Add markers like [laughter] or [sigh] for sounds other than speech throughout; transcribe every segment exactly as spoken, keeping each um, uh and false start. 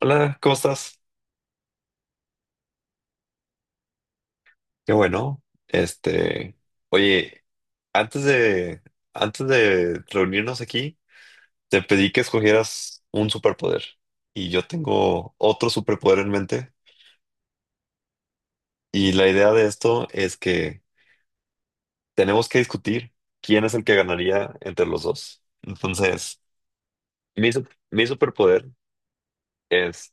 Hola, ¿cómo estás? Qué bueno. Este, oye, antes de, antes de reunirnos aquí, te pedí que escogieras un superpoder y yo tengo otro superpoder en mente y la idea de esto es que tenemos que discutir quién es el que ganaría entre los dos. Entonces, mi, sup- mi superpoder es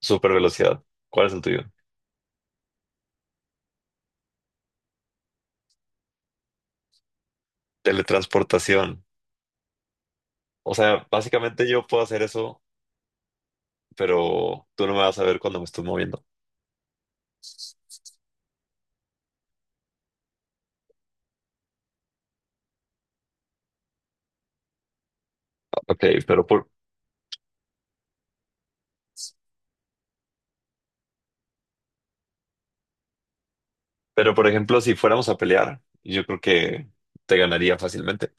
supervelocidad. ¿Cuál es el tuyo? Teletransportación. O sea, básicamente yo puedo hacer eso, pero tú no me vas a ver cuando me estoy moviendo. Ok, pero por, pero por ejemplo, si fuéramos a pelear, yo creo que te ganaría fácilmente.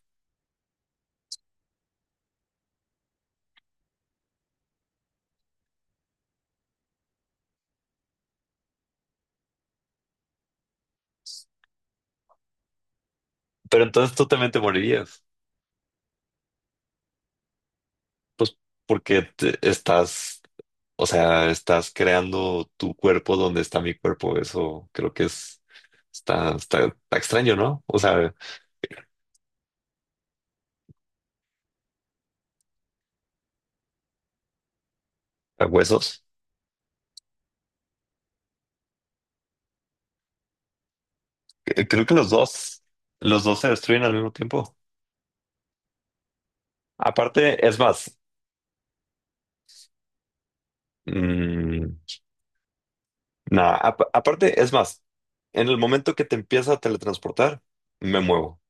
Pero entonces tú también te morirías. Pues porque te- estás, o sea, estás creando tu cuerpo donde está mi cuerpo. Eso creo que es, está, está, está extraño, ¿no? O sea, a huesos. Eh, Creo que los dos, los dos se destruyen al mismo tiempo. Aparte, es más, mm, nah, ap- aparte, es más, en el momento que te empieza a teletransportar, me muevo.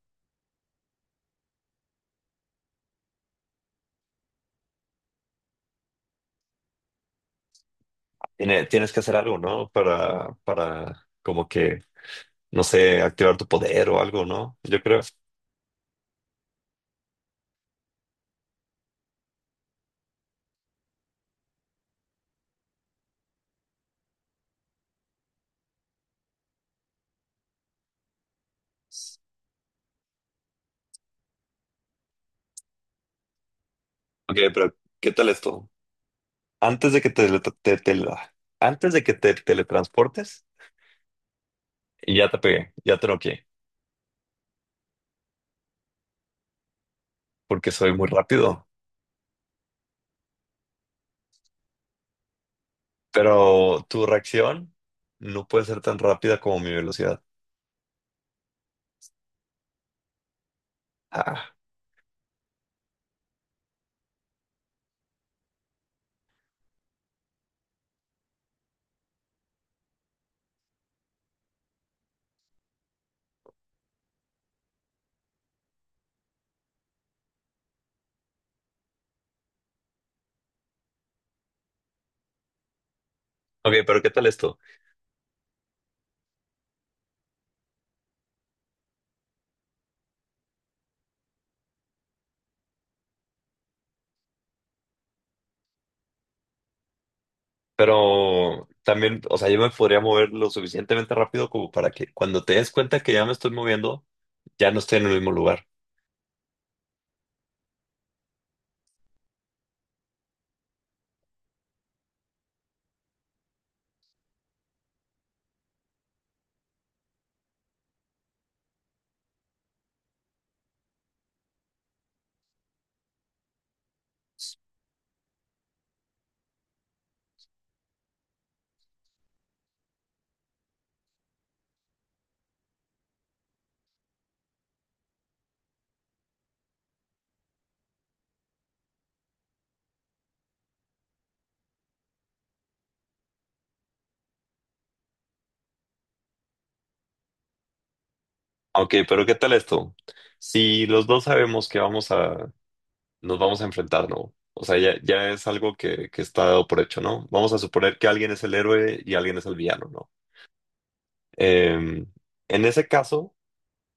Tiene- Tienes que hacer algo, ¿no? Para, para, como que, no sé, activar tu poder o algo, ¿no? Yo creo. Ok, pero ¿qué tal esto? Antes de que te, te- te- antes de que te teletransportes, ya te pegué, ya te noqué, porque soy muy rápido. Pero tu reacción no puede ser tan rápida como mi velocidad. Ah. Ok, pero ¿qué tal esto? Pero también, o sea, yo me podría mover lo suficientemente rápido como para que cuando te des cuenta que ya me estoy moviendo, ya no estoy en el mismo lugar. Ok, pero ¿qué tal esto? Si los dos sabemos que vamos a, nos vamos a enfrentar, ¿no? O sea, ya, ya es algo que, que está dado por hecho, ¿no? Vamos a suponer que alguien es el héroe y alguien es el villano, ¿no? Eh, en ese caso,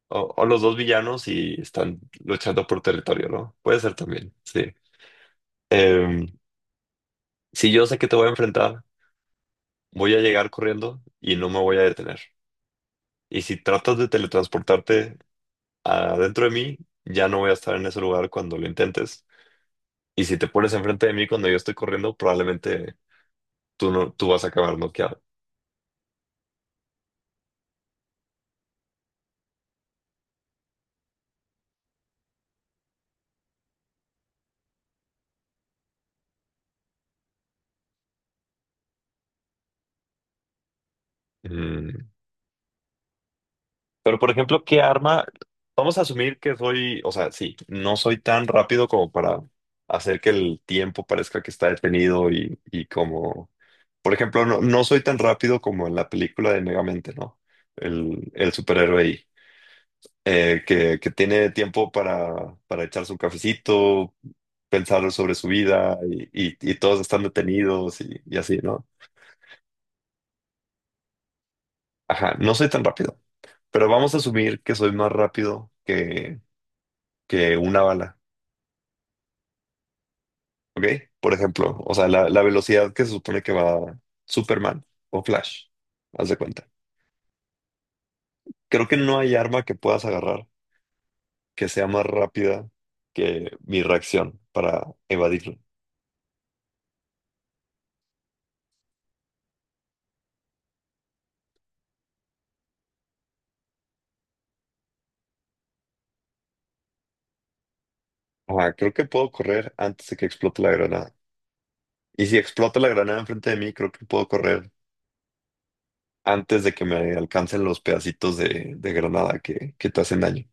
o, o los dos villanos y están luchando por territorio, ¿no? Puede ser también, sí. Eh, si yo sé que te voy a enfrentar, voy a llegar corriendo y no me voy a detener. Y si tratas de teletransportarte adentro de mí, ya no voy a estar en ese lugar cuando lo intentes. Y si te pones enfrente de mí cuando yo estoy corriendo, probablemente tú no, tú vas a acabar noqueado. Mm. Pero, por ejemplo, ¿qué arma? Vamos a asumir que soy, o sea, sí, no soy tan rápido como para hacer que el tiempo parezca que está detenido y, y como, por ejemplo, no, no soy tan rápido como en la película de Megamente, ¿no? El, el superhéroe ahí, eh, que, que tiene tiempo para, para echarse un cafecito, pensar sobre su vida y, y- y todos están detenidos y, y así, ¿no? Ajá, no soy tan rápido, pero vamos a asumir que soy más rápido que, que una bala, ¿ok? Por ejemplo, o sea, la, la velocidad que se supone que va Superman o Flash, haz de cuenta. Creo que no hay arma que puedas agarrar que sea más rápida que mi reacción para evadirlo. Ajá, creo que puedo correr antes de que explote la granada. Y si explota la granada enfrente de mí, creo que puedo correr antes de que me alcancen los pedacitos de, de granada que, que te hacen daño.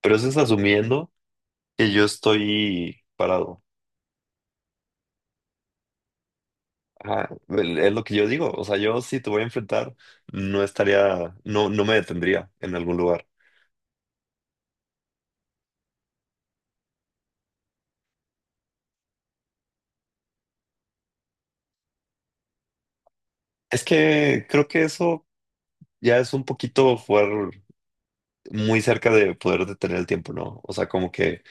Pero eso es asumiendo que yo estoy parado. Ajá, el- es lo que yo digo. O sea, yo si te voy a enfrentar, no estaría, no, no me detendría en algún lugar. Es que creo que eso ya es un poquito jugar muy cerca de poder detener el tiempo, ¿no? O sea, como que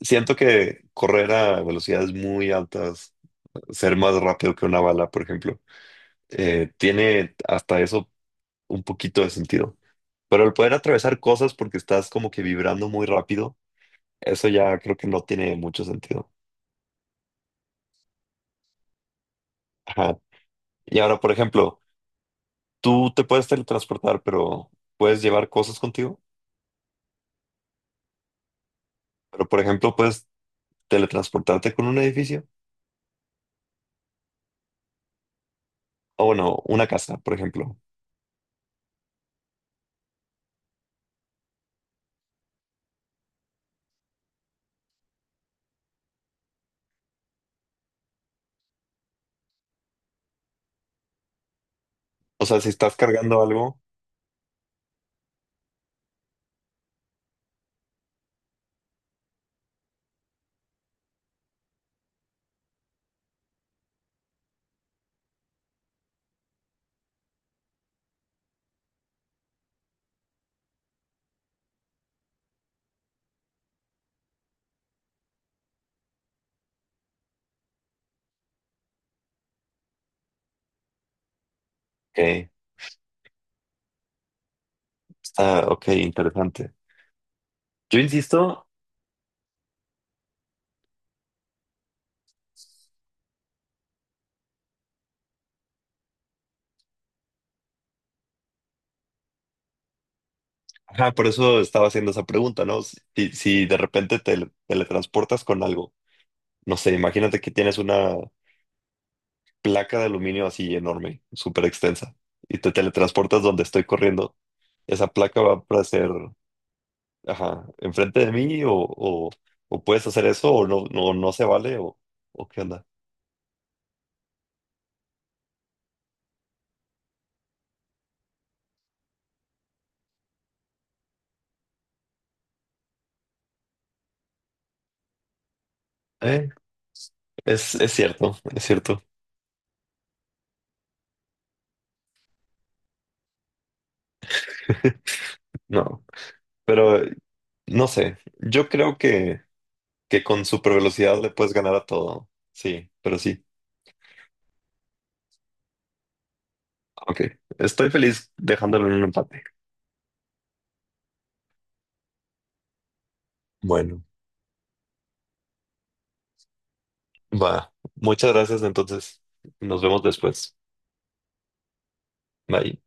siento que correr a velocidades muy altas, ser más rápido que una bala, por ejemplo, eh, tiene hasta eso un poquito de sentido. Pero el poder atravesar cosas porque estás como que vibrando muy rápido. Eso ya creo que no tiene mucho sentido. Ajá. Y ahora, por ejemplo, tú te puedes teletransportar, pero puedes llevar cosas contigo. Pero, por ejemplo, puedes teletransportarte con un edificio. O bueno, una casa, por ejemplo. O sea, si estás cargando algo, ok, está, ok, interesante. Yo insisto, ajá, por eso estaba haciendo esa pregunta, ¿no? Si, si si de repente te teletransportas con algo, no sé, imagínate que tienes una placa de aluminio así enorme, súper extensa, y te teletransportas donde estoy corriendo. Esa placa va a hacer, ajá, enfrente de mí o, o, o puedes hacer eso o no, no, no se vale o, o qué onda. Eh, es, es cierto, es cierto. [laughs] No, pero eh, no sé. Yo creo que, que con super velocidad le puedes ganar a todo. Sí, pero sí. Ok, estoy feliz dejándolo en un empate. Bueno, va. Muchas gracias entonces. Nos vemos después. Bye.